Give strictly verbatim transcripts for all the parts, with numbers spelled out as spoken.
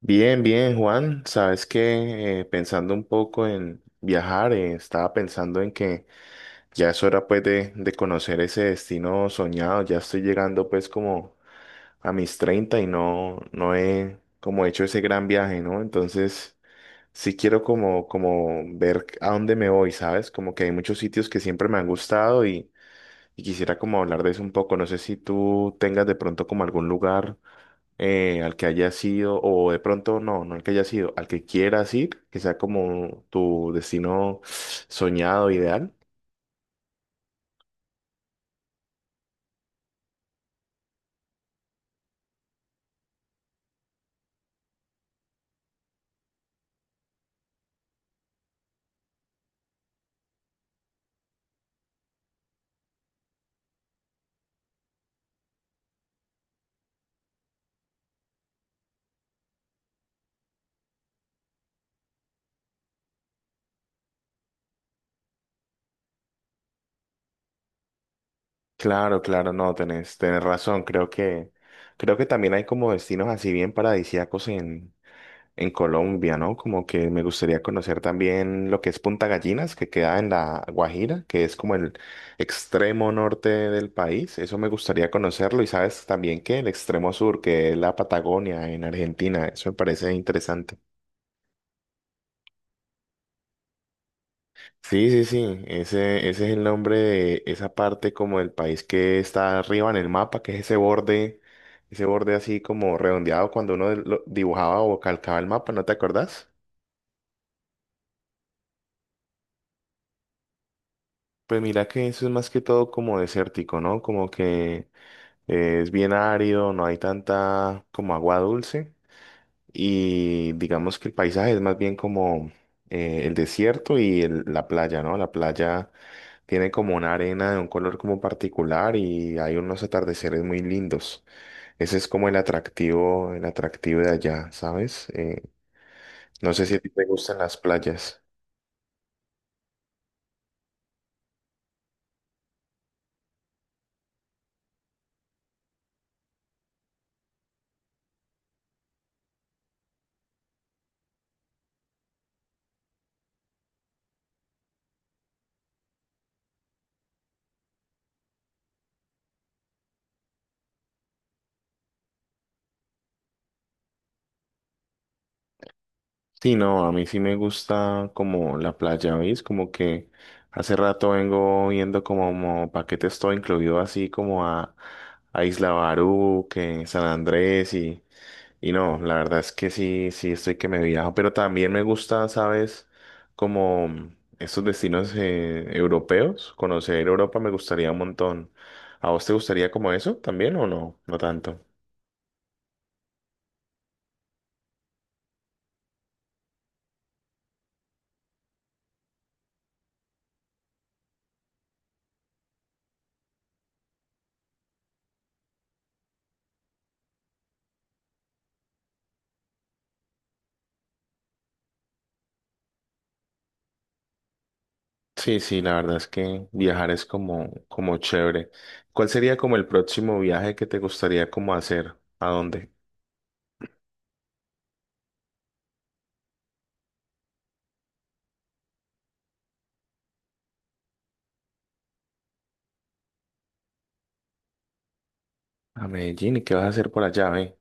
Bien, bien, Juan. Sabes que eh, pensando un poco en viajar, eh, estaba pensando en que ya es hora pues de, de conocer ese destino soñado. Ya estoy llegando pues como a mis treinta y no, no he como hecho ese gran viaje, ¿no? Entonces sí quiero como, como ver a dónde me voy, ¿sabes? Como que hay muchos sitios que siempre me han gustado y, y quisiera como hablar de eso un poco. No sé si tú tengas de pronto como algún lugar eh, al que hayas sido o de pronto no, no al que hayas sido, al que quieras ir, que sea como tu destino soñado, ideal. Claro, claro, no, tenés, tenés razón. Creo que, creo que también hay como destinos así bien paradisíacos en, en Colombia, ¿no? Como que me gustaría conocer también lo que es Punta Gallinas, que queda en la Guajira, que es como el extremo norte del país. Eso me gustaría conocerlo. Y sabes también que el extremo sur, que es la Patagonia en Argentina, eso me parece interesante. Sí, sí, sí, ese, ese es el nombre de esa parte como del país que está arriba en el mapa, que es ese borde, ese borde así como redondeado cuando uno lo dibujaba o calcaba el mapa, ¿no te acordás? Pues mira que eso es más que todo como desértico, ¿no? Como que es bien árido, no hay tanta como agua dulce y digamos que el paisaje es más bien como eh, el desierto y el- la playa, ¿no? La playa tiene como una arena de un color como particular y hay unos atardeceres muy lindos. Ese es como el atractivo, el atractivo de allá, ¿sabes? Eh, no sé si a ti te gustan las playas. Sí, no, a mí sí me gusta como la playa, ¿veis? Como que hace rato vengo viendo como, paquetes todo incluido así como a, a Isla Barú, que San Andrés y Y no, la verdad es que sí, sí estoy que me viajo, pero también me gusta, ¿sabes? Como estos destinos eh, europeos, conocer Europa me gustaría un montón. ¿A vos te gustaría como eso también o no? No tanto. Sí, sí, la verdad es que viajar es como, como chévere. ¿Cuál sería como el próximo viaje que te gustaría como hacer? ¿A dónde? A Medellín, ¿y qué vas a hacer por allá, ve?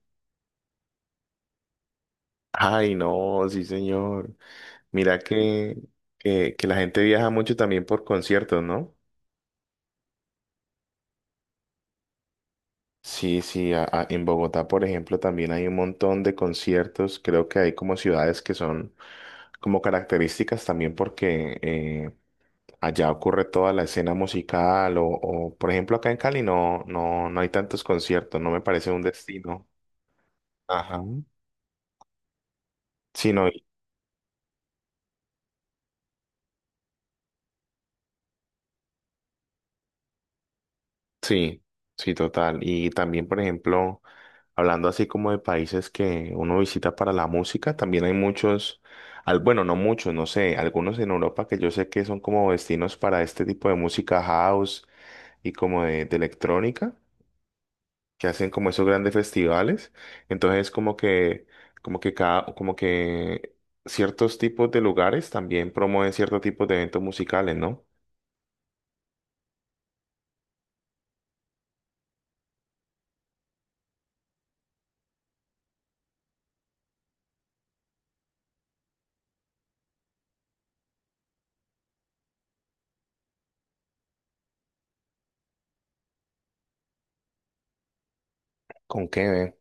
Ay, no, sí, señor. Mira que, que, que la gente viaja mucho también por conciertos, ¿no? Sí, sí, a- a- en Bogotá, por ejemplo, también hay un montón de conciertos. Creo que hay como ciudades que son como características también porque eh, allá ocurre toda la escena musical o, o, por ejemplo, acá en Cali no, no, no hay tantos conciertos, no me parece un destino. Ajá. Sino sí, sí, total. Y también, por ejemplo, hablando así como de países que uno visita para la música, también hay muchos, al, bueno, no muchos, no sé, algunos en Europa que yo sé que son como destinos para este tipo de música house y como de, de electrónica, que hacen como esos grandes festivales. Entonces, como que, como que cada, como que ciertos tipos de lugares también promueven ciertos tipos de eventos musicales, ¿no? ¿Con qué, ve?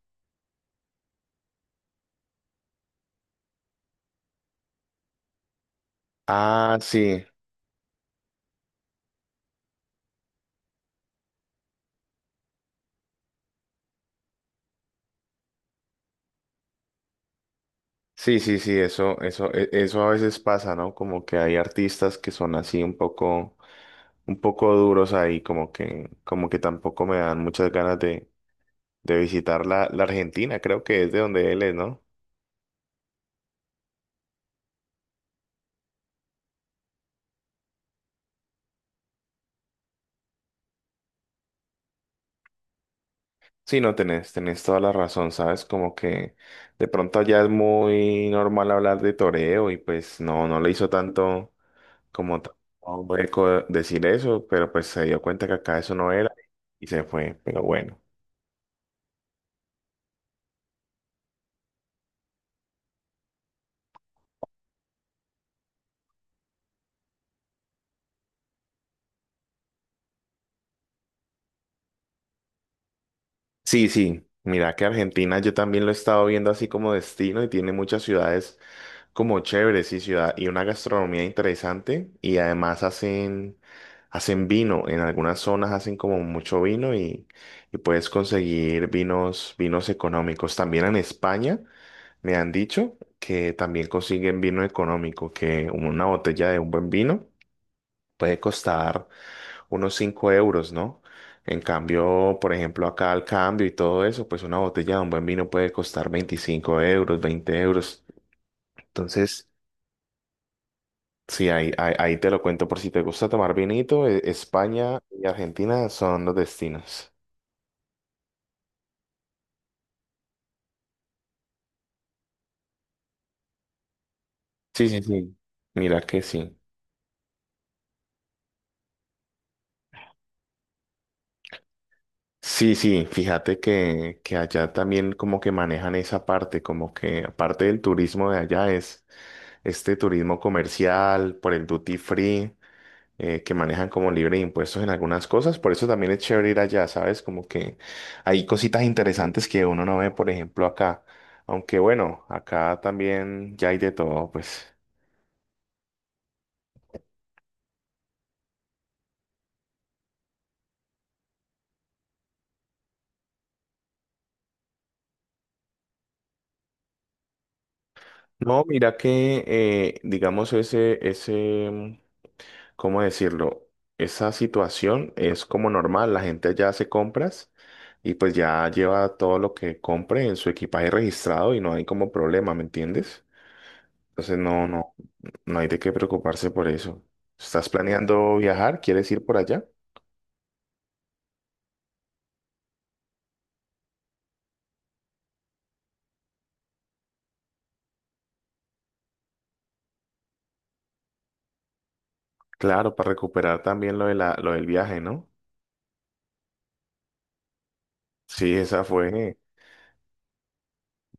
Ah, sí. Sí, sí, sí, eso, eso, e- eso a veces pasa, ¿no? Como que hay artistas que son así un poco, un poco duros ahí, como que, como que tampoco me dan muchas ganas de, de visitar la, la Argentina, creo que es de donde él es, ¿no? Sí, no tenés, tenés toda la razón, ¿sabes? Como que de pronto allá es muy normal hablar de toreo y pues no, no le hizo tanto como tan- hueco decir eso, pero pues se dio cuenta que acá eso no era y se fue, pero bueno. Sí, sí, mira que Argentina yo también lo he estado viendo así como destino y tiene muchas ciudades como chéveres y ciudad y una gastronomía interesante y además hacen hacen vino, en algunas zonas hacen como mucho vino y, y puedes conseguir vinos vinos económicos. También en España me han dicho que también consiguen vino económico, que una botella de un buen vino puede costar unos cinco euros, ¿no? En cambio, por ejemplo, acá al cambio y todo eso, pues una botella de un buen vino puede costar veinticinco euros, veinte euros. Entonces, sí, ahí, ahí, ahí te lo cuento por si te gusta tomar vinito, e- España y Argentina son los destinos. Sí, sí, sí. Mira que sí. Sí, sí, fíjate que, que allá también como que manejan esa parte, como que aparte del turismo de allá es este turismo comercial por el duty free. Eh, que manejan como libre de impuestos en algunas cosas. Por eso también es chévere ir allá, ¿sabes? Como que hay cositas interesantes que uno no ve, por ejemplo, acá. Aunque bueno, acá también ya hay de todo, pues. No, mira que, eh, digamos, ese, ese, mm, ¿cómo decirlo? Esa situación es como normal. La gente allá hace compras y pues ya lleva todo lo que compre en su equipaje registrado y no hay como problema, ¿me entiendes? Entonces, no, no. No hay de qué preocuparse por eso. ¿Estás planeando viajar? ¿Quieres ir por allá? Claro, para recuperar también lo de la, lo del viaje, ¿no? Sí, esa fue.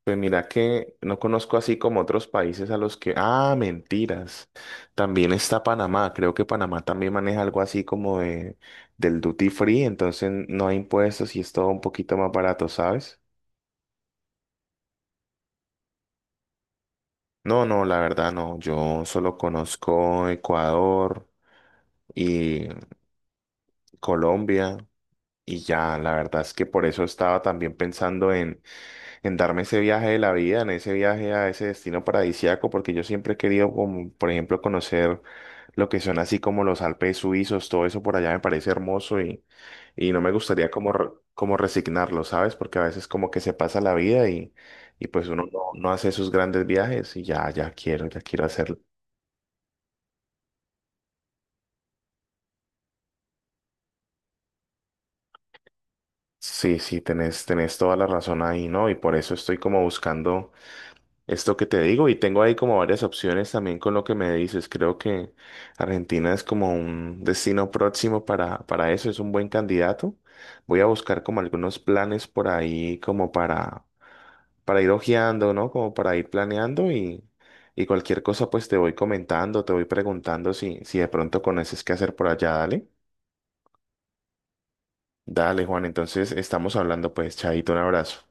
Pues mira que no conozco así como otros países a los que... Ah, mentiras. También está Panamá. Creo que Panamá también maneja algo así como de, del duty free, entonces no hay impuestos y es todo un poquito más barato, ¿sabes? No, no, la verdad no. Yo solo conozco Ecuador y Colombia. Y ya, la verdad es que por eso estaba también pensando en, en darme ese viaje de la vida, en ese viaje a ese destino paradisíaco, porque yo siempre he querido, como, por ejemplo, conocer lo que son así como los Alpes suizos, todo eso por allá me parece hermoso y, y no me gustaría como, re- como resignarlo, ¿sabes? Porque a veces como que se pasa la vida y, y pues uno no, no hace esos grandes viajes y ya, ya quiero, ya quiero hacerlo. Sí, sí, tenés, tenés toda la razón ahí, ¿no? Y por eso estoy como buscando. Esto que te digo, y tengo ahí como varias opciones también con lo que me dices. Creo que Argentina es como un destino próximo para, para eso, es un buen candidato. Voy a buscar como algunos planes por ahí como para, para ir hojeando, ¿no? Como para ir planeando y, y cualquier cosa pues te voy comentando, te voy preguntando si, si de pronto conoces qué hacer por allá, dale. Dale, Juan, entonces estamos hablando pues, chaito, un abrazo.